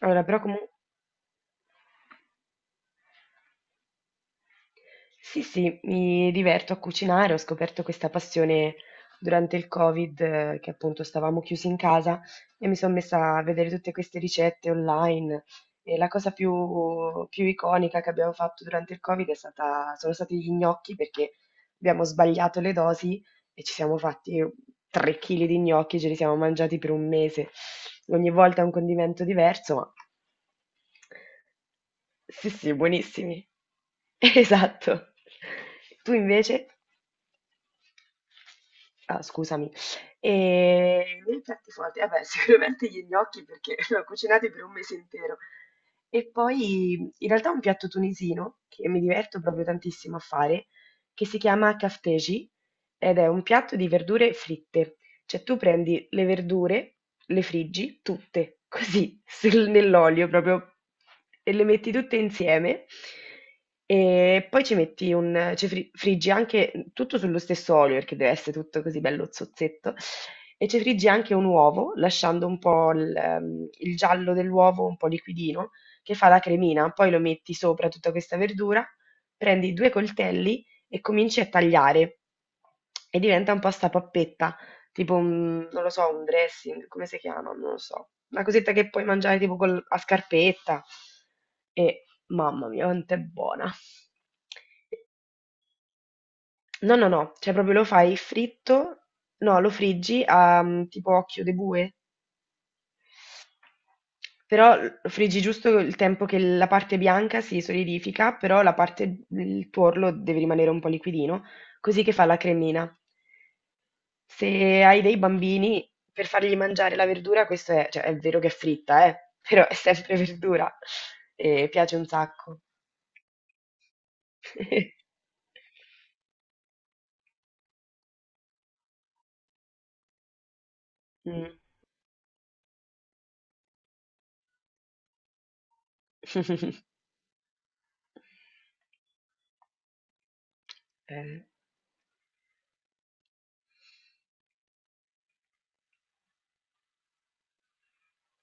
Allora, però comunque sì, sì, mi diverto a cucinare, ho scoperto questa passione durante il Covid, che appunto stavamo chiusi in casa e mi sono messa a vedere tutte queste ricette online. E la cosa più iconica che abbiamo fatto durante il Covid è stata, sono stati gli gnocchi perché abbiamo sbagliato le dosi e ci siamo fatti 3 kg di gnocchi, ce li siamo mangiati per un mese. Ogni volta un condimento diverso, ma sì, sì, buonissimi. Esatto. Tu invece? Ah, scusami. E nei piatti forti, vabbè, sicuramente gli gnocchi perché l'ho cucinati per un mese intero. E poi in realtà un piatto tunisino che mi diverto proprio tantissimo a fare, che si chiama kafteji ed è un piatto di verdure fritte. Cioè tu prendi le verdure, le friggi tutte, così, nell'olio proprio, e le metti tutte insieme. E poi ci metti un, ci fri- friggi anche tutto sullo stesso olio, perché deve essere tutto così bello zozzetto. E ci friggi anche un uovo, lasciando un po' il giallo dell'uovo un po' liquidino, che fa la cremina. Poi lo metti sopra tutta questa verdura, prendi due coltelli e cominci a tagliare. E diventa un po' sta pappetta. Tipo un, non lo so, un dressing, come si chiama? Non lo so. Una cosetta che puoi mangiare tipo a scarpetta. E mamma mia, quanto è buona. No, no, no, cioè proprio lo fai fritto, no, lo friggi a mm, tipo occhio di bue, però lo friggi giusto il tempo che la parte bianca si solidifica, però la parte, il tuorlo deve rimanere un po' liquidino, così che fa la cremina. Se hai dei bambini, per fargli mangiare la verdura, questo è, cioè, è vero che è fritta, però è sempre verdura e piace un sacco. Mm. Eh,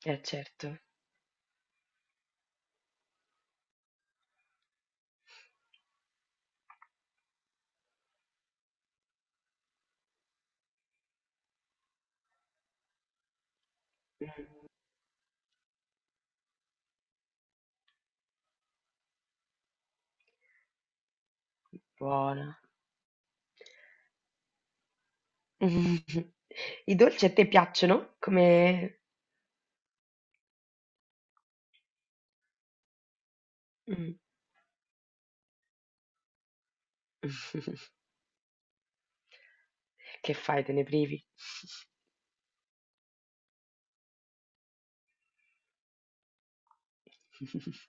certo. Mm, buona. I dolci a te piacciono? Come... Mm. Che fai, te ne privi?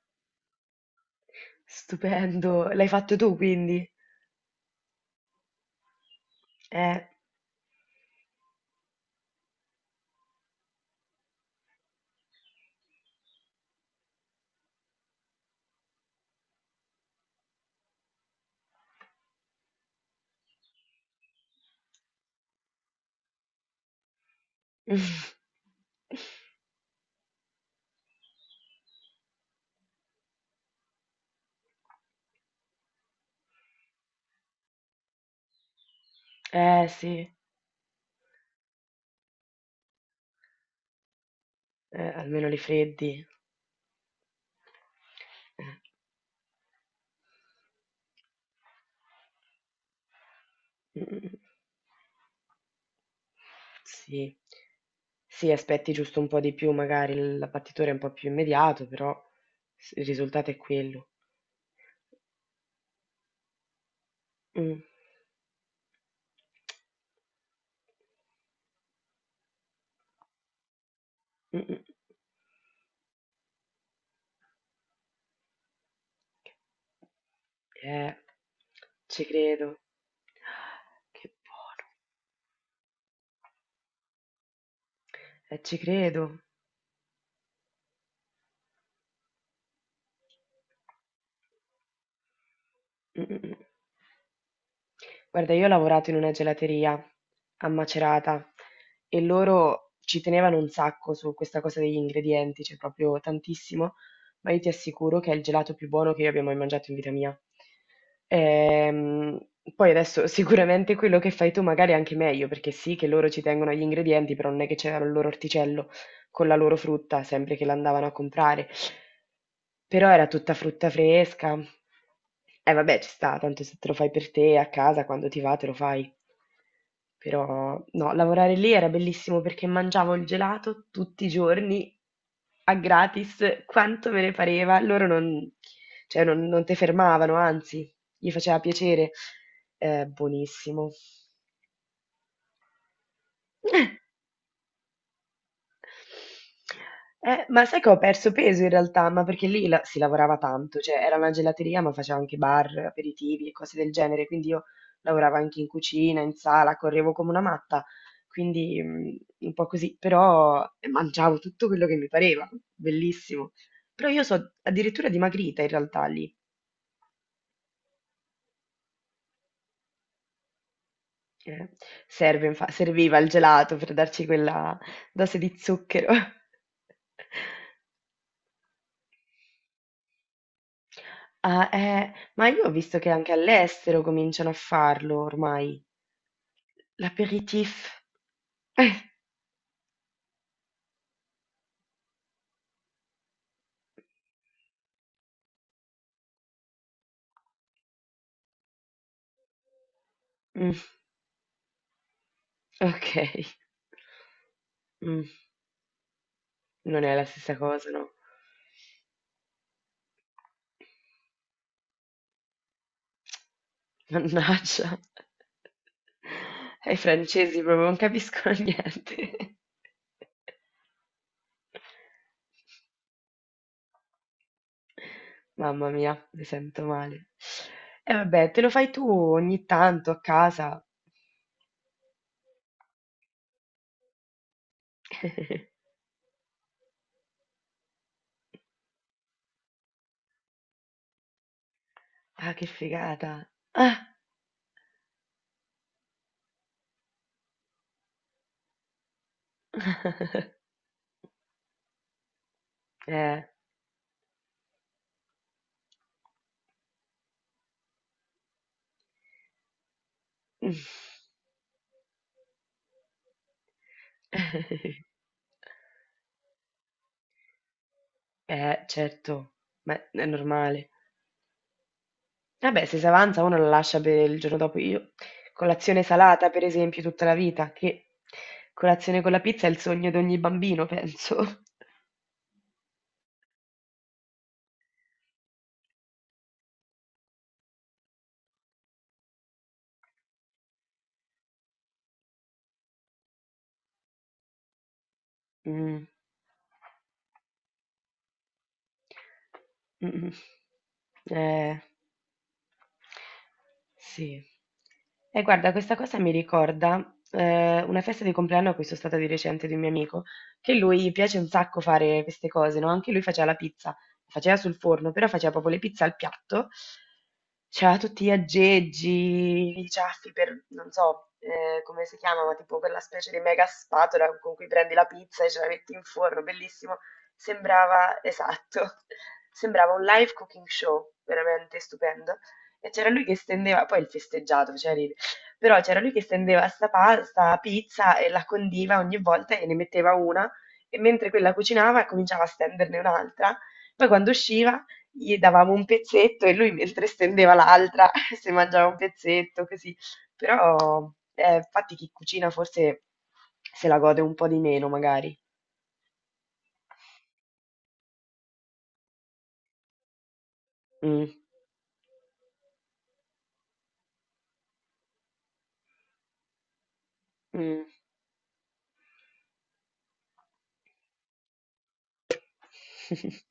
Stupendo, l'hai fatto tu quindi? Eh. Eh sì. Almeno li freddi. Eh. Mh-mh-mh. Sì. Sì, aspetti giusto un po' di più, magari il l'abbattitore è un po' più immediato, però s il risultato è quello. Mh. Mh-mh. Eh, ci credo. Ah, che buono. Ci credo. Mh-mh-mh. Guarda, io ho lavorato in una gelateria a Macerata e loro ci tenevano un sacco su questa cosa degli ingredienti, cioè proprio tantissimo, ma io ti assicuro che è il gelato più buono che io abbia mai mangiato in vita mia. Ehm, Poi adesso sicuramente quello che fai tu magari è anche meglio, perché sì che loro ci tengono agli ingredienti, però non è che c'era il loro orticello con la loro frutta, sempre che l'andavano a comprare. Però era tutta frutta fresca. Eh vabbè, ci sta, tanto se te lo fai per te a casa, quando ti va, te lo fai. Però no, lavorare lì era bellissimo perché mangiavo il gelato tutti i giorni a gratis, quanto me ne pareva. Loro non, cioè, non te fermavano, anzi, gli faceva piacere. Buonissimo. Ma sai che ho perso peso in realtà, ma perché lì la si lavorava tanto, cioè era una gelateria ma faceva anche bar, aperitivi e cose del genere, quindi io lavoravo anche in cucina, in sala, correvo come una matta, quindi un po' così, però mangiavo tutto quello che mi pareva, bellissimo. Però io so addirittura dimagrita in realtà lì, eh, serviva il gelato per darci quella dose di zucchero. Ah, ma io ho visto che anche all'estero cominciano a farlo ormai. L'aperitif. Mm, ok. Mm, non è la stessa cosa, no? Mannaggia. Ai francesi proprio non capiscono niente. Mamma mia, mi sento male. E vabbè, te lo fai tu ogni tanto a casa. Ah, che figata. Ah. Eh. Certo, ma è normale. Vabbè, se si avanza uno la lascia per il giorno dopo. Io colazione salata, per esempio, tutta la vita, che colazione con la pizza è il sogno di ogni bambino, penso. Mm. Mm. Eh. Sì. E guarda, questa cosa mi ricorda una festa di compleanno a cui sono stata di recente di un mio amico, che lui piace un sacco fare queste cose, no? Anche lui faceva la pizza, faceva sul forno, però faceva proprio le pizze al piatto, c'aveva tutti gli aggeggi, i ciaffi per, non so come si chiama, ma tipo quella specie di mega spatola con cui prendi la pizza e ce la metti in forno, bellissimo. Sembrava, esatto, sembrava un live cooking show, veramente stupendo. E c'era lui che stendeva, poi il festeggiato faceva ridere, però c'era lui che stendeva sta pasta, pizza e la condiva ogni volta e ne metteva una e mentre quella cucinava cominciava a stenderne un'altra. Poi quando usciva gli davamo un pezzetto e lui mentre stendeva l'altra si mangiava un pezzetto, così. Però infatti chi cucina forse se la gode un po' di meno magari. Mm, mm.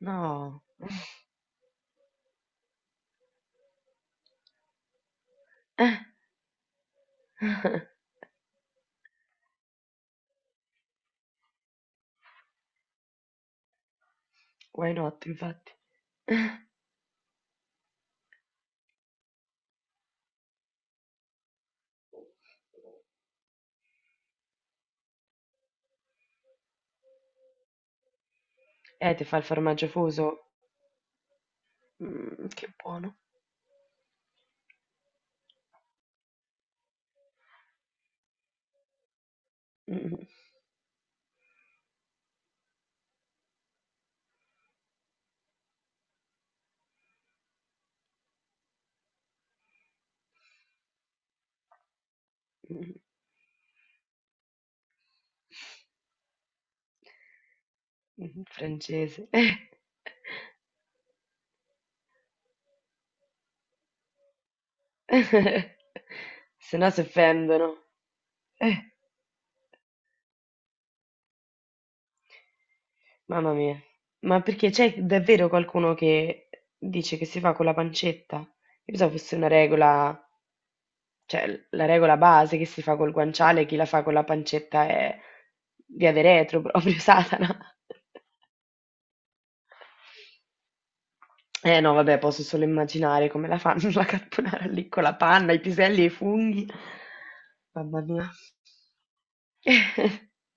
No. Why not, infatti. Ti fa il formaggio fuso? Mm, che buono. Mm, mm, mm, francese. Se no si offendono. Eh, mamma mia. Ma perché c'è davvero qualcuno che dice che si fa con la pancetta? Io pensavo fosse una regola, cioè la regola base che si fa col guanciale, chi la fa con la pancetta è via de retro, proprio Satana. Eh no, vabbè, posso solo immaginare come la fanno la carbonara lì con la panna, i piselli e i funghi. Mamma mia.